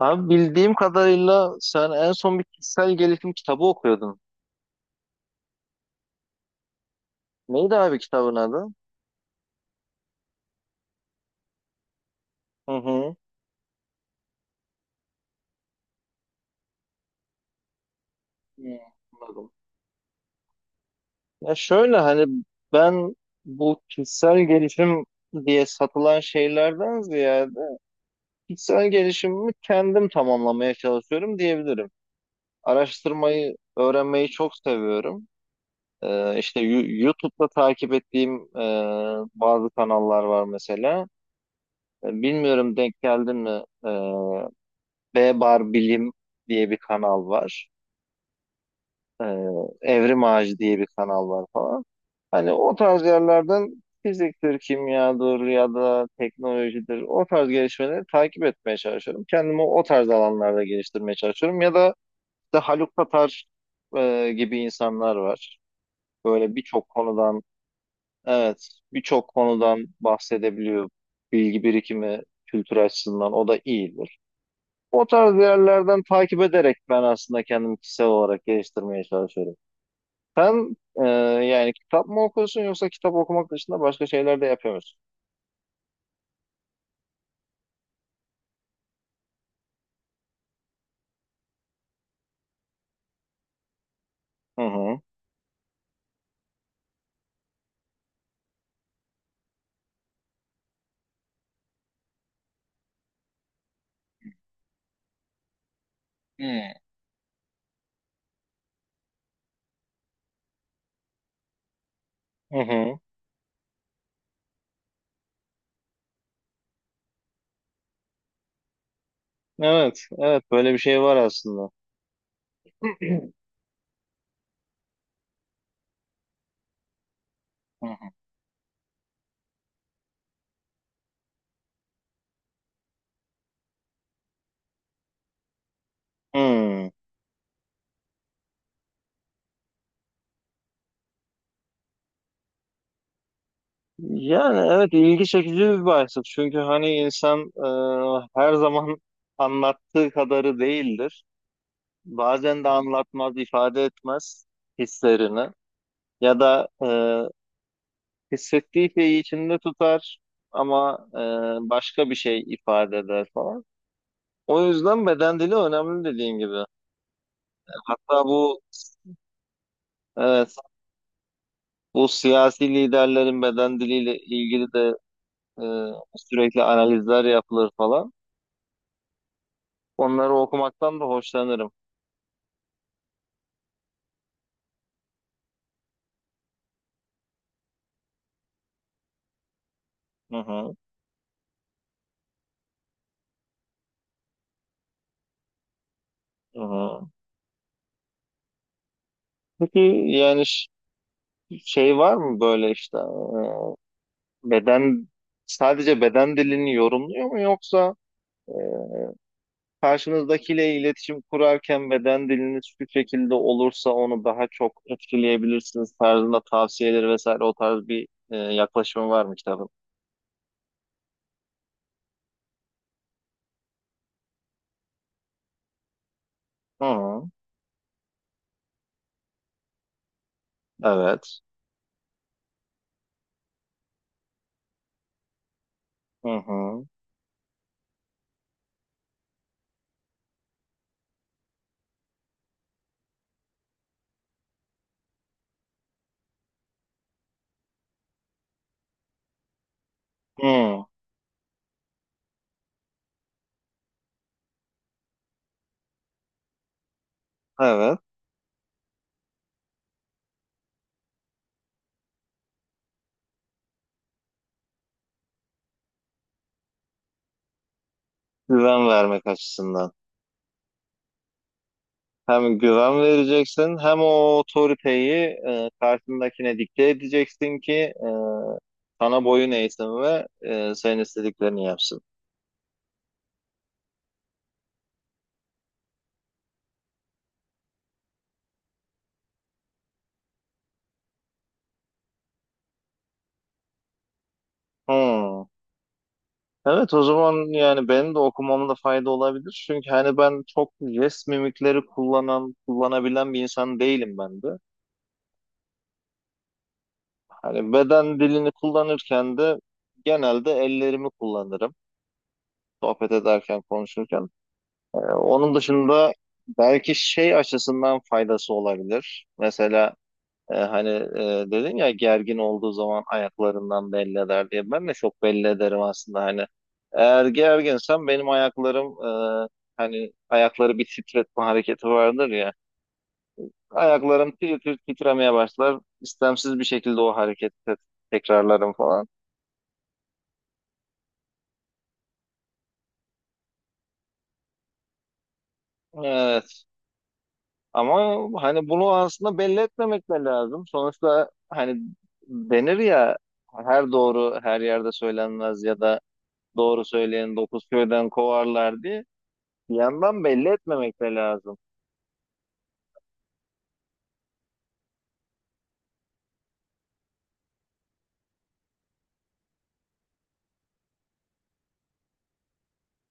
Abi bildiğim kadarıyla sen en son bir kişisel gelişim kitabı okuyordun. Neydi abi kitabın adı? Hı hı. Hmm, anladım. Ya şöyle hani ben bu kişisel gelişim diye satılan şeylerden ziyade kişisel gelişimimi kendim tamamlamaya çalışıyorum diyebilirim. Araştırmayı, öğrenmeyi çok seviyorum. İşte YouTube'da takip ettiğim bazı kanallar var mesela. Bilmiyorum denk geldin mi? Bar Bilim diye bir kanal var. Ee, Evrim Ağacı diye bir kanal var falan. Hani o tarz yerlerden fiziktir, kimyadır ya da teknolojidir o tarz gelişmeleri takip etmeye çalışıyorum. Kendimi o tarz alanlarda geliştirmeye çalışıyorum. Ya da işte Haluk Tatar gibi insanlar var. Böyle birçok konudan evet birçok konudan bahsedebiliyor. Bilgi birikimi kültür açısından o da iyidir. O tarz yerlerden takip ederek ben aslında kendimi kişisel olarak geliştirmeye çalışıyorum. Sen, yani kitap mı okuyorsun yoksa kitap okumak dışında başka şeyler de yapıyor musun? Hı hı. Hmm. Hı hı. Evet, evet böyle bir şey var aslında. Hı hı. Hmm. Yani evet ilgi çekici bir başlık. Çünkü hani insan her zaman anlattığı kadarı değildir. Bazen de anlatmaz, ifade etmez hislerini. Ya da, hissettiği şeyi içinde tutar ama başka bir şey ifade eder falan. O yüzden beden dili önemli dediğin gibi. Hatta bu evet, bu siyasi liderlerin beden diliyle ilgili de e, sürekli analizler yapılır falan. Onları okumaktan da hoşlanırım. Hı hı, hı hı. Peki yani şey var mı böyle işte e, beden sadece beden dilini yorumluyor mu, yoksa e, karşınızdakiyle iletişim kurarken beden diliniz şu şekilde olursa onu daha çok etkileyebilirsiniz tarzında tavsiyeleri vesaire o tarz bir yaklaşımı var mı kitabın? Hı, hı evet. Hı hı. Hı, evet. Güven vermek açısından. Hem güven vereceksin hem o otoriteyi karşındakine dikte edeceksin ki sana boyun eğsin ve senin istediklerini yapsın. Hı. Evet o zaman yani benim de okumamda fayda olabilir. Çünkü hani ben çok jest mimikleri kullanan, kullanabilen bir insan değilim ben de. Hani beden dilini kullanırken de genelde ellerimi kullanırım. Sohbet ederken, konuşurken. Onun dışında belki şey açısından faydası olabilir. Mesela hani dedin ya gergin olduğu zaman ayaklarından belli eder diye. Ben de çok belli ederim aslında hani. Eğer gerginsem benim ayaklarım e, hani ayakları bir titretme hareketi vardır ya. Ayaklarım tir tir titremeye başlar. İstemsiz bir şekilde o hareketi tekrarlarım falan. Evet. Ama hani bunu aslında belli etmemek de lazım. Sonuçta hani denir ya, her doğru her yerde söylenmez ya da doğru söyleyen dokuz köyden kovarlar diye. Bir yandan belli etmemek de lazım.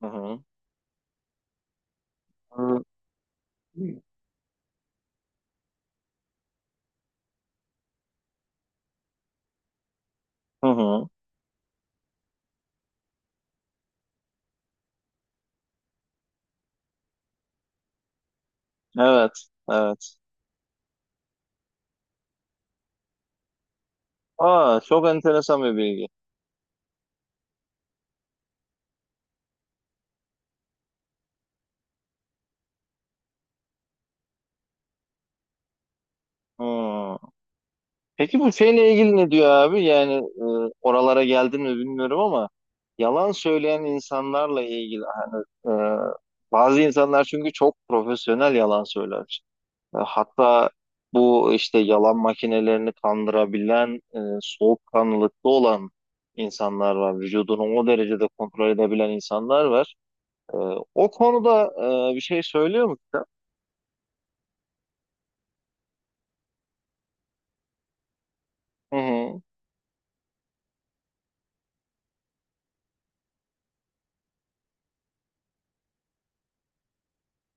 Hı hı. Hı hı. Hı. Evet, evet. Aa, çok enteresan bir bilgi. Hı. Peki bu şeyle ilgili ne diyor abi? Yani, oralara geldim mi bilmiyorum ama yalan söyleyen insanlarla ilgili e, bazı insanlar çünkü çok profesyonel yalan söyler. Hatta bu işte yalan makinelerini kandırabilen, soğukkanlılıkta olan insanlar var. Vücudunu o derecede kontrol edebilen insanlar var. Ee, o konuda bir şey söylüyor mu kitap? Hı hı.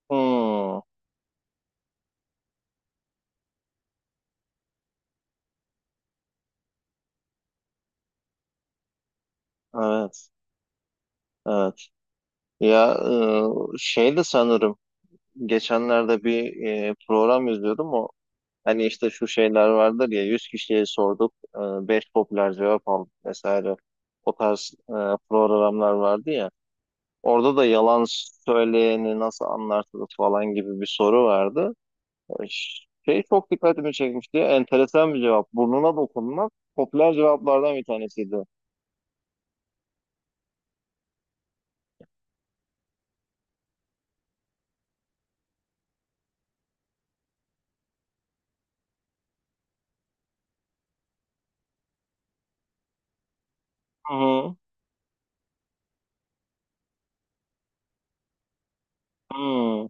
Hmm, evet. Evet. Ya, şey de sanırım geçenlerde bir program izliyordum, o hani işte şu şeyler vardır ya, yüz kişiye sorduk 5 popüler cevap aldık vesaire, o tarz programlar vardı ya. Orada da yalan söyleyeni nasıl anlarsınız falan gibi bir soru vardı. Şey çok dikkatimi çekmişti. Enteresan bir cevap. Burnuna dokunmak popüler cevaplardan bir tanesiydi. Hı hı. Hmm.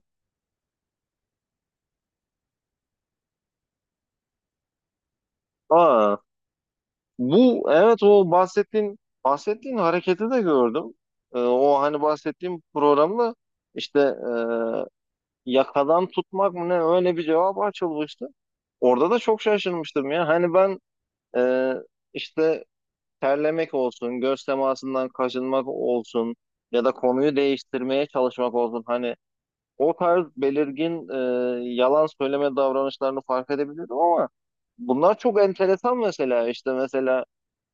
Aa, bu evet o bahsettiğin hareketi de gördüm. O hani bahsettiğim programda işte yakadan tutmak mı ne öyle bir cevap açılmıştı. Orada da çok şaşırmıştım ya. Hani ben e, işte terlemek olsun, göz temasından kaçınmak olsun ya da konuyu değiştirmeye çalışmak olsun. Hani o tarz belirgin yalan söyleme davranışlarını fark edebiliyordum ama bunlar çok enteresan mesela işte mesela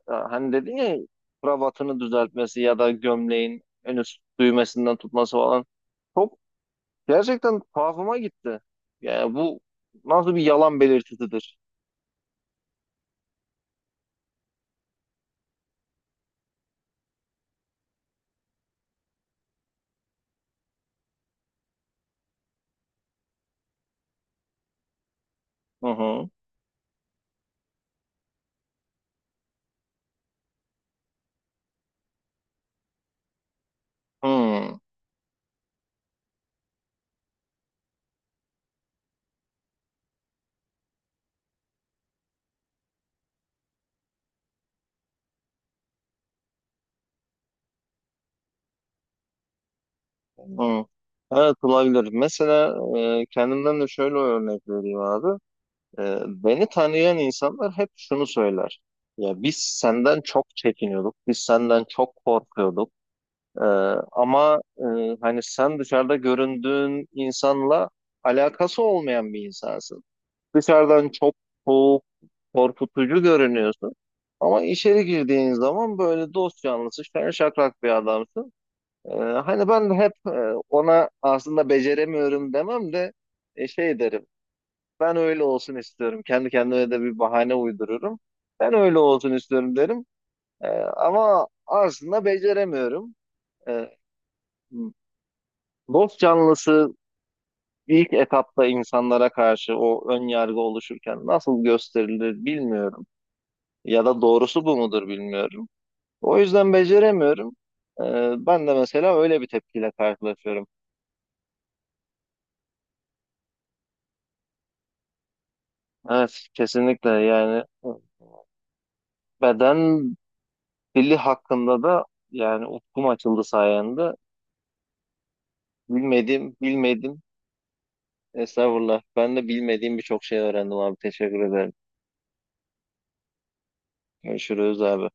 hani dedin ya, kravatını düzeltmesi ya da gömleğin en üst düğmesinden tutması falan çok gerçekten tuhafıma gitti. Yani bu nasıl bir yalan belirtisidir? Hı hı. Hı. Hı. Evet olabilir. Mesela kendimden de şöyle örnek vereyim abi. Beni tanıyan insanlar hep şunu söyler. Ya biz senden çok çekiniyorduk, biz senden çok korkuyorduk. Ee, ama hani sen dışarıda göründüğün insanla alakası olmayan bir insansın. Dışarıdan çok soğuk, korkutucu görünüyorsun. Ama içeri girdiğin zaman böyle dost canlısı, şen şakrak bir adamsın. Hani ben de hep, ona aslında beceremiyorum demem de şey derim. Ben öyle olsun istiyorum. Kendi kendime de bir bahane uydururum. Ben öyle olsun istiyorum derim. Ee, ama aslında beceremiyorum. Ee, dost canlısı ilk etapta insanlara karşı o ön yargı oluşurken nasıl gösterilir bilmiyorum. Ya da doğrusu bu mudur bilmiyorum. O yüzden beceremiyorum. Ben de mesela öyle bir tepkiyle karşılaşıyorum. Evet, kesinlikle yani beden dili hakkında da yani ufkum açıldı sayende. Bilmedim, bilmedim. Estağfurullah. Ben de bilmediğim birçok şey öğrendim abi. Teşekkür ederim. Görüşürüz abi.